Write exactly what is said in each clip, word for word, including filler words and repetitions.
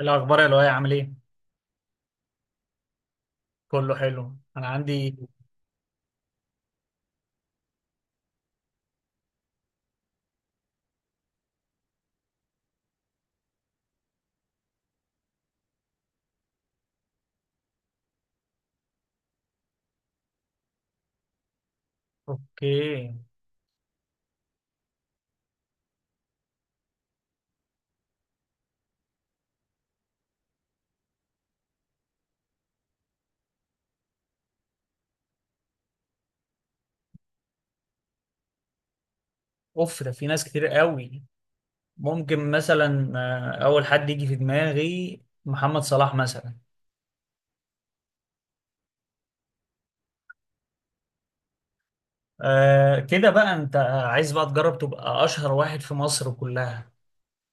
الأخبار يا لؤي، عامل إيه؟ كله حلو، أنا عندي. أوكي. أوف، ده في ناس كتير قوي. ممكن مثلا آه، أول حد يجي في دماغي محمد صلاح مثلا. آه كده بقى، أنت عايز بقى تجرب تبقى أشهر واحد في مصر كلها.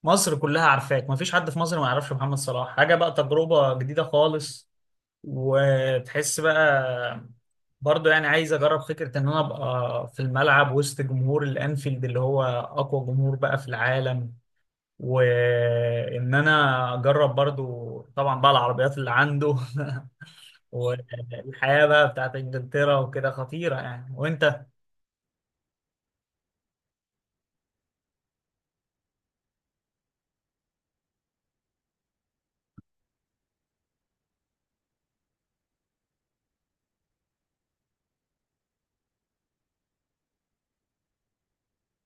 مصر كلها عارفاك، مفيش حد في مصر ما يعرفش محمد صلاح. حاجة بقى تجربة جديدة خالص، وتحس بقى برضه. يعني عايز اجرب فكره ان انا ابقى في الملعب وسط جمهور الانفيلد، اللي هو اقوى جمهور بقى في العالم، وان انا اجرب برضو طبعا بقى العربيات اللي عنده والحياة بقى بتاعت انجلترا وكده، خطيرة يعني. وانت؟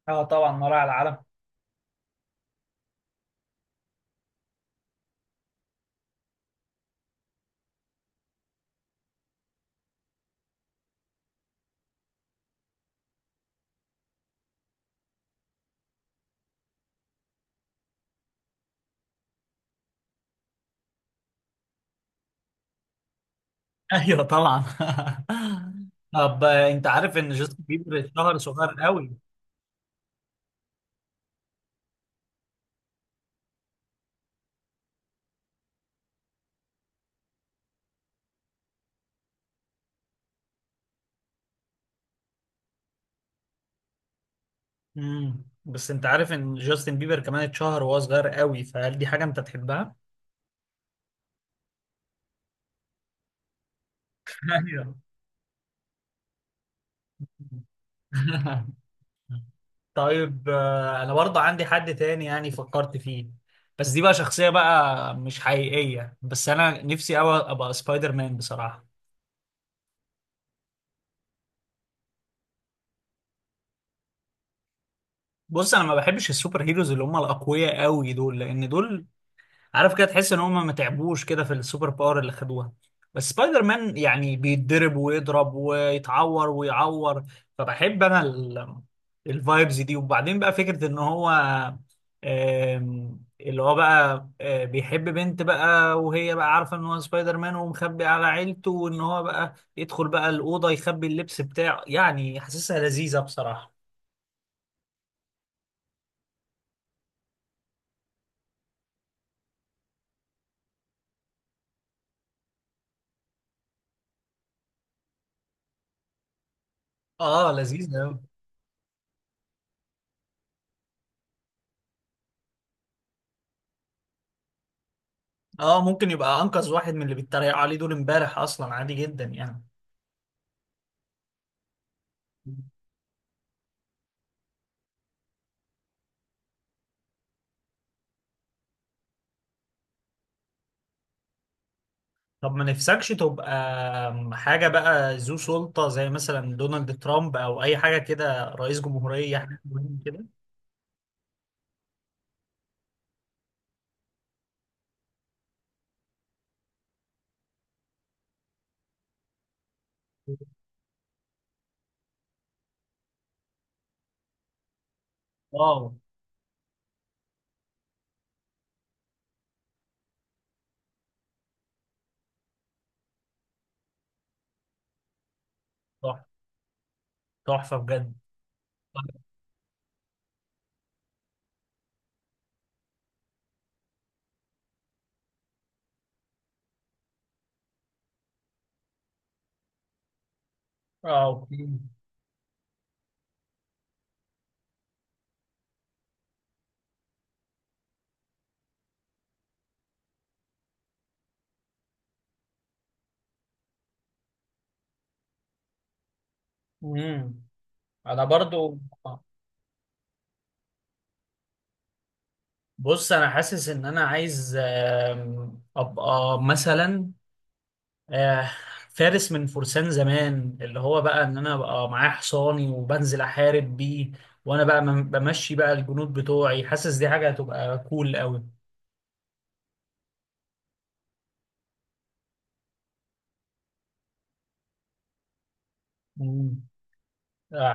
اه طبعا، مراعي العالم. ايوه طبعا. طب انت عارف ان جاستن بيبر اتشهر صغير قوي؟ امم بس انت عارف ان جاستن بيبر كمان اتشهر وهو صغير قوي، فهل دي حاجة انت تحبها؟ ايوه. طيب، آه، انا برضه عندي حد تاني يعني فكرت فيه، بس دي بقى شخصية بقى مش حقيقية. بس انا نفسي قوي ابقى سبايدر مان بصراحة. بص، انا ما بحبش السوبر هيروز اللي هم الاقوياء قوي دول، لان دول عارف كده تحس ان هم ما تعبوش كده في السوبر باور اللي خدوها. بس سبايدر مان يعني بيتضرب ويضرب ويتعور ويعور، فبحب انا ال- الفايبز دي. وبعدين بقى فكرة ان هو آم، اللي هو بقى آه، بيحب بنت بقى، وهي بقى عارفة ان هو سبايدر مان ومخبي على عيلته، وان هو بقى يدخل بقى الأوضة يخبي اللبس بتاعه، يعني حاسسها لذيذة بصراحة. اه لذيذة أوي. اه ممكن يبقى انقذ واحد من اللي بيتريقوا عليه دول امبارح، اصلا عادي جدا يعني. طب ما نفسكش تبقى حاجة بقى ذو سلطة، زي مثلا دونالد ترامب أو أي حاجة كده، رئيس جمهورية، حاجة مهمة كده. واو. تحفة، تحفة بجد. اه اوكي. امم انا برضو. بص، انا حاسس ان انا عايز آم، ابقى مثلا آه، فارس من فرسان زمان، اللي هو بقى ان انا ابقى معايا حصاني وبنزل احارب بيه، وانا بقى بم- بمشي بقى الجنود بتوعي. حاسس دي حاجة هتبقى كول قوي. مم. آه،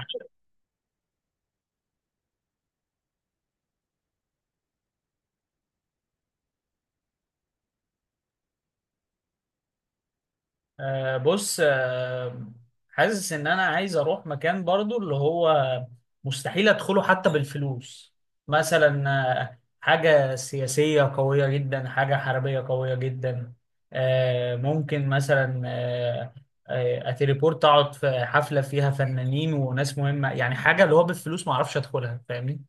آه، بص، آه، حاسس ان انا عايز اروح مكان برضو، اللي هو مستحيل ادخله حتى بالفلوس. مثلا آه، حاجة سياسية قوية جدا، حاجة حربية قوية جدا. آه، ممكن مثلا آه، آه، اتليبورت اقعد في حفلة فيها فنانين وناس مهمة، يعني حاجة اللي هو بالفلوس ما اعرفش ادخلها، فاهمني؟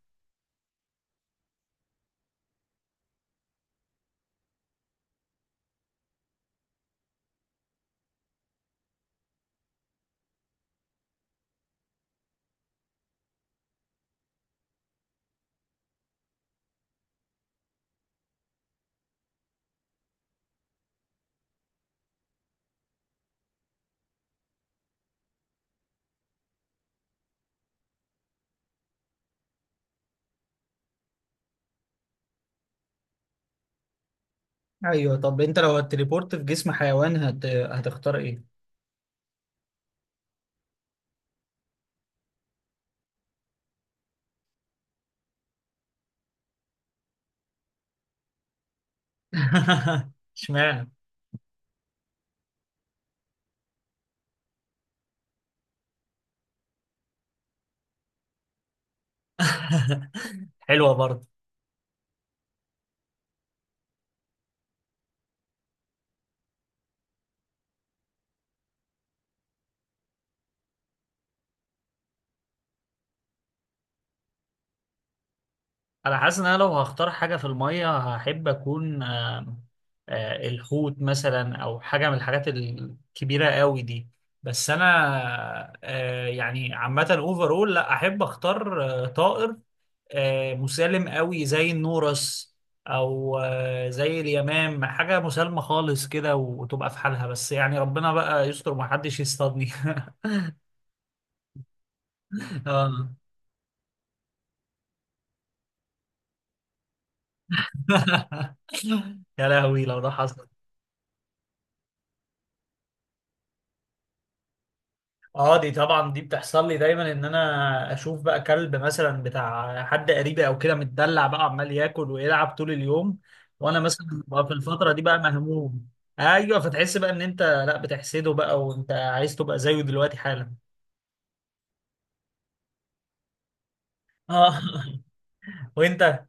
ايوه. طب انت لو هتليبورت في جسم حيوان هت... هتختار ايه؟ اشمعنى؟ حلوة برضه. أنا حاسس إن أنا لو هختار حاجة في المية هحب أكون آه، آه، الحوت مثلا، أو حاجة من الحاجات الكبيرة قوي دي. بس أنا آه، يعني عامة، أوفرول، لأ، أحب أختار آه، طائر آه، مسالم قوي زي النورس، أو آه، زي اليمام، حاجة مسالمة خالص كده وتبقى في حالها. بس يعني ربنا بقى يستر ومحدش يصطادني. آه. يا لهوي لو ده حصل. اه دي طبعا، دي بتحصل لي دايما، ان انا اشوف بقى كلب مثلا بتاع حد قريبي او كده متدلع بقى، عمال ياكل ويلعب طول اليوم، وانا مثلا ببقى في الفتره دي بقى مهموم. ايوه، فتحس بقى ان انت لا بتحسده بقى وانت عايز تبقى زيه دلوقتي حالا. اه. وانت؟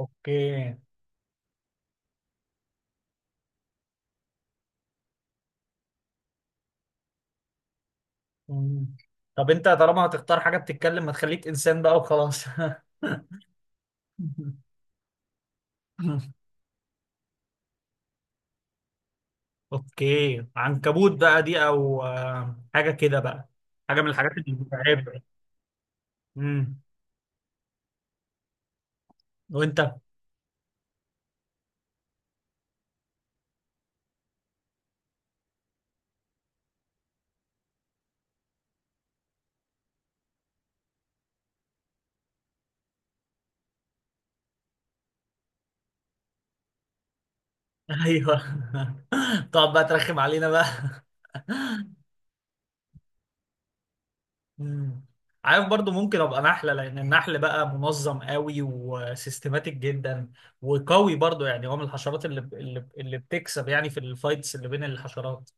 اوكي. مم. طب انت طالما هتختار حاجه بتتكلم، ما تخليك انسان بقى وخلاص. اوكي، عنكبوت بقى دي، او آه، حاجه كده بقى، حاجه من الحاجات المتعبه. امم. وانت؟ ايوه. تقعد بقى ترخم علينا بقى. امم عارف، برضو ممكن ابقى نحله، لان النحل بقى منظم قوي وسيستماتيك جدا، وقوي برضو يعني. هو من الحشرات اللي اللي, اللي بتكسب يعني في الفايتس اللي بين الحشرات.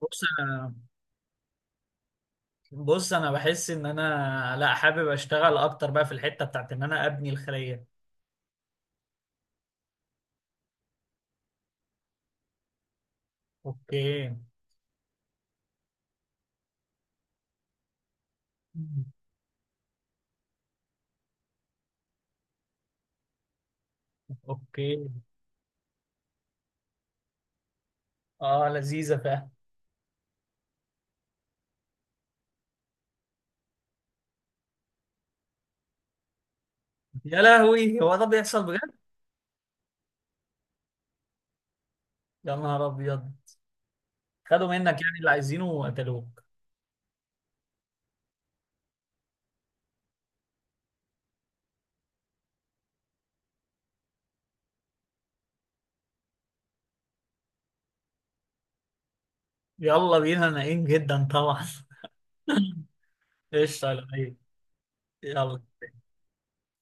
بص انا بص انا بحس ان انا لا، حابب اشتغل اكتر بقى في الحته بتاعت ان انا ابني الخليه. اوكي. مم. اوكي. اه لذيذه فعلا. يا لهوي، هو ده بيحصل بجد؟ يا نهار ابيض، خدوا منك يعني اللي عايزينه وقتلوك. يلا بينا، ناقين جدا طبعا. قشطة يا لؤي. يلا.